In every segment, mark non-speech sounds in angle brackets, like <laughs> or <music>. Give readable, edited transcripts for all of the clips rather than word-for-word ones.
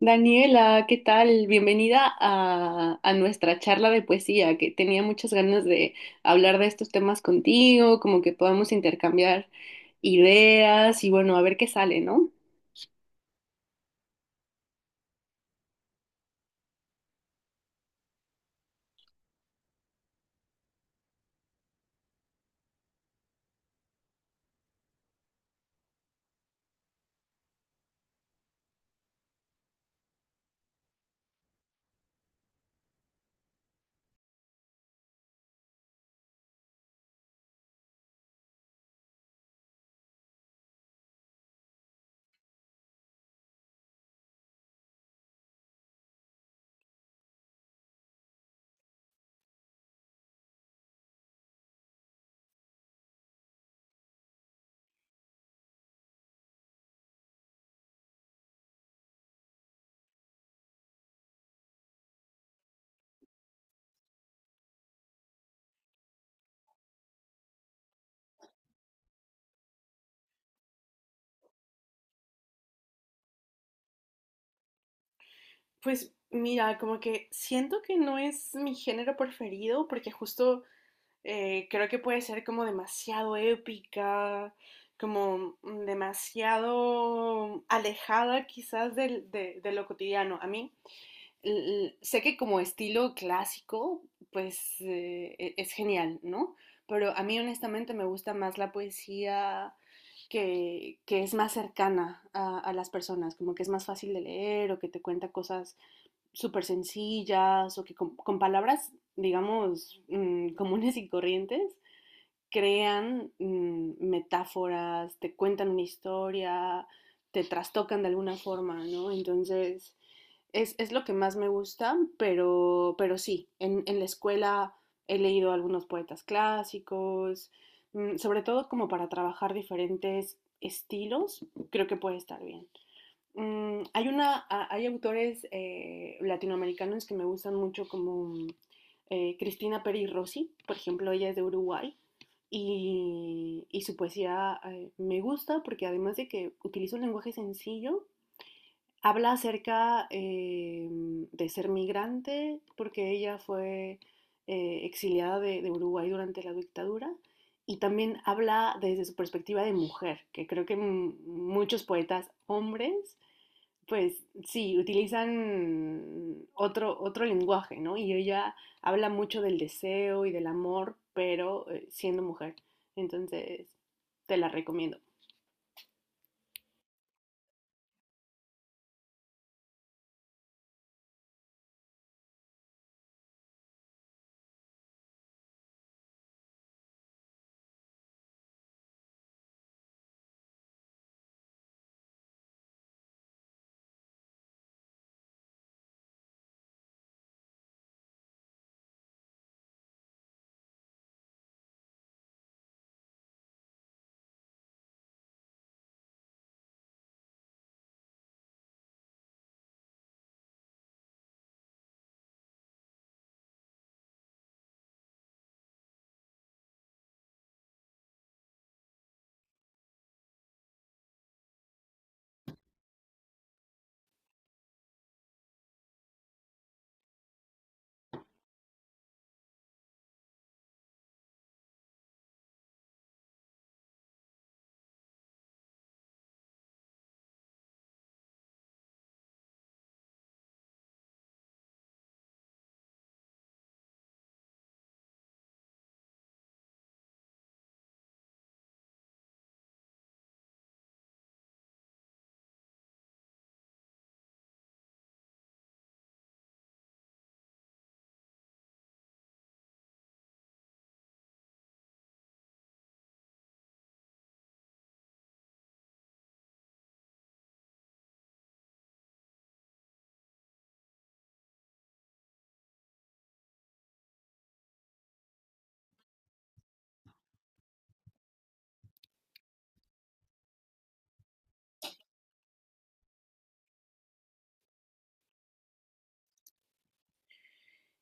Daniela, ¿qué tal? Bienvenida a nuestra charla de poesía, que tenía muchas ganas de hablar de estos temas contigo, como que podamos intercambiar ideas y bueno, a ver qué sale, ¿no? Pues mira, como que siento que no es mi género preferido porque justo creo que puede ser como demasiado épica, como demasiado alejada quizás de lo cotidiano. A mí sé que como estilo clásico, pues es genial, ¿no? Pero a mí honestamente me gusta más la poesía que es más cercana a las personas, como que es más fácil de leer o que te cuenta cosas súper sencillas o que con palabras, digamos, comunes y corrientes, crean metáforas, te cuentan una historia, te trastocan de alguna forma, ¿no? Entonces es lo que más me gusta, pero sí, en la escuela he leído algunos poetas clásicos, sobre todo como para trabajar diferentes estilos, creo que puede estar bien. Mm, hay, una, hay autores latinoamericanos que me gustan mucho como Cristina Peri Rossi, por ejemplo, ella es de Uruguay y su poesía me gusta porque además de que utiliza un lenguaje sencillo, habla acerca de ser migrante, porque ella fue exiliada de Uruguay durante la dictadura, y también habla desde su perspectiva de mujer, que creo que muchos poetas hombres, pues sí, utilizan otro lenguaje, ¿no? Y ella habla mucho del deseo y del amor, pero siendo mujer. Entonces, te la recomiendo.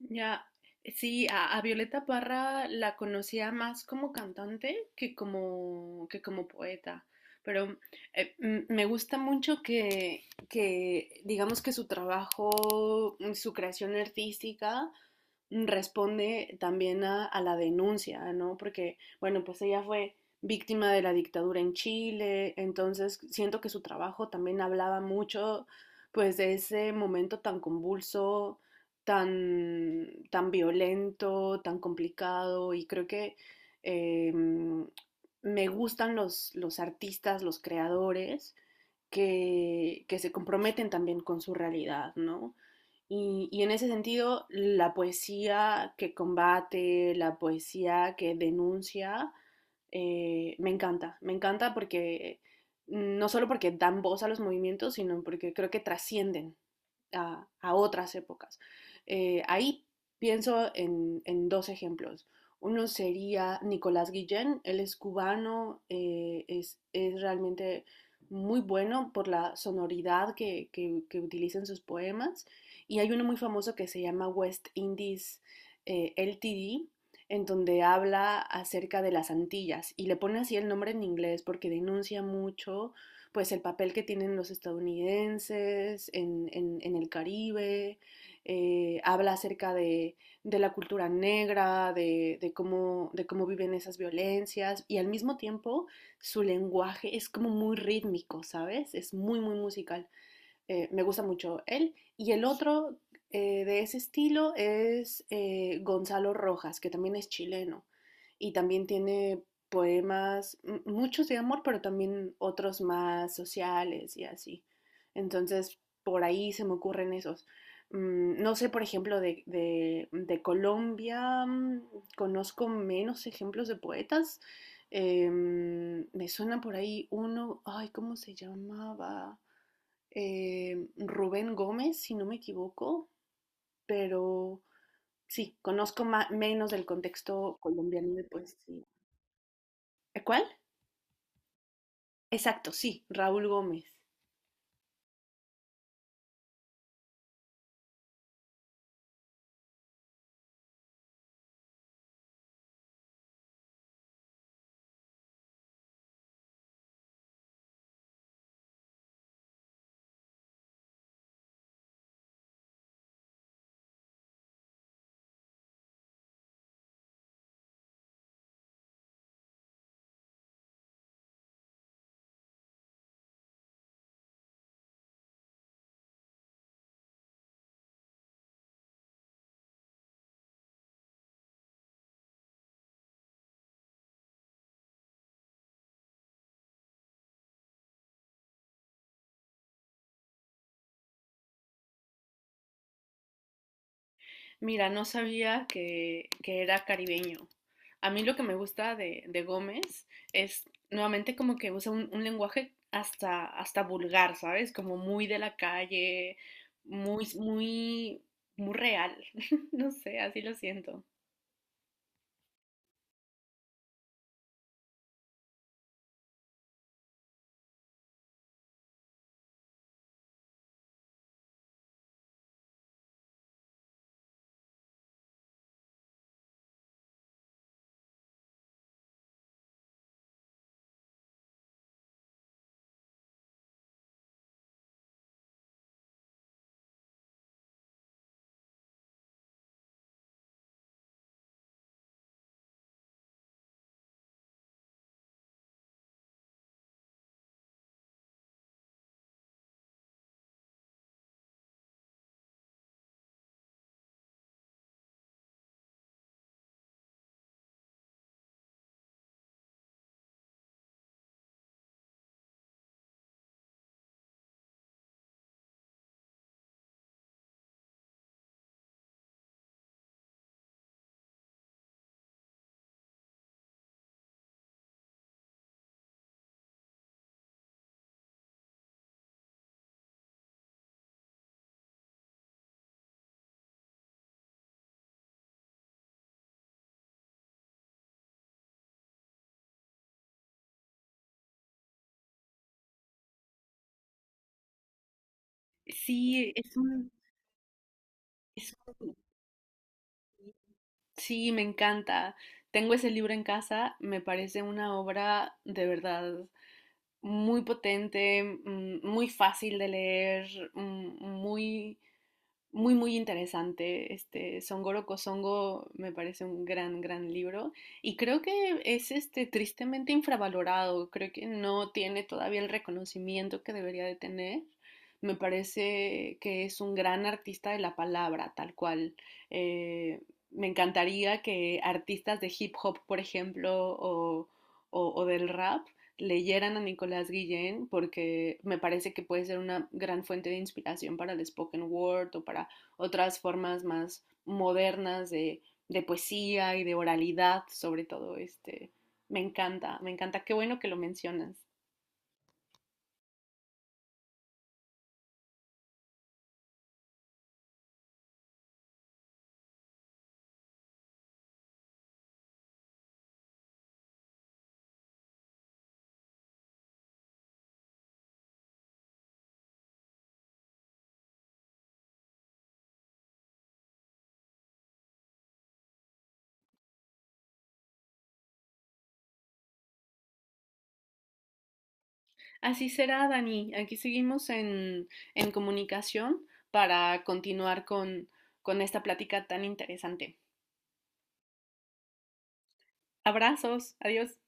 Ya, sí, a Violeta Parra la conocía más como cantante que como poeta, pero me gusta mucho que digamos que su trabajo, su creación artística responde también a la denuncia, ¿no? Porque, bueno, pues ella fue víctima de la dictadura en Chile, entonces siento que su trabajo también hablaba mucho, pues, de ese momento tan convulso, tan violento, tan complicado, y creo que eh, me gustan los artistas, los creadores que se comprometen también con su realidad, ¿no? Y en ese sentido, la poesía que combate, la poesía que denuncia, me encanta porque no solo porque dan voz a los movimientos, sino porque creo que trascienden a otras épocas. Ahí pienso dos ejemplos. Uno sería Nicolás Guillén, él es cubano, realmente muy bueno por la sonoridad que utiliza en sus poemas. Y hay uno muy famoso que se llama West Indies LTD, en donde habla acerca de las Antillas y le pone así el nombre en inglés porque denuncia mucho pues el papel que tienen los estadounidenses en el Caribe, habla acerca la cultura negra, de cómo viven esas violencias y al mismo tiempo su lenguaje es como muy rítmico, ¿sabes? Es muy, muy musical. Me gusta mucho él. Y el otro de ese estilo es Gonzalo Rojas, que también es chileno y también tiene poemas, muchos de amor, pero también otros más sociales y así. Entonces, por ahí se me ocurren esos. No sé, por ejemplo, de Colombia, conozco menos ejemplos de poetas. Me suena por ahí uno, ay, ¿cómo se llamaba? Rubén Gómez, si no me equivoco, pero sí, conozco menos del contexto colombiano de poesía. ¿Eh, cuál? Exacto, sí, Raúl Gómez. Mira, no sabía que era caribeño. A mí lo que me gusta de Gómez es nuevamente como que usa lenguaje hasta vulgar, ¿sabes? Como muy de la calle, muy, muy, muy real. <laughs> No sé, así lo siento. Sí, es un Sí, me encanta. Tengo ese libro en casa, me parece una obra de verdad muy potente, muy fácil de leer, muy, muy interesante. Este Songoro Kosongo me parece un gran, gran libro y creo que es este, tristemente infravalorado. Creo que no tiene todavía el reconocimiento que debería de tener. Me parece que es un gran artista de la palabra, tal cual. Eh, me encantaría que artistas de hip hop, por ejemplo, o del rap, leyeran a Nicolás Guillén porque me parece que puede ser una gran fuente de inspiración para el spoken word o para otras formas más modernas de poesía y de oralidad, sobre todo. Este, me encanta, me encanta. Qué bueno que lo mencionas. Así será, Dani. Aquí seguimos en comunicación para continuar con esta plática tan interesante. Abrazos, adiós.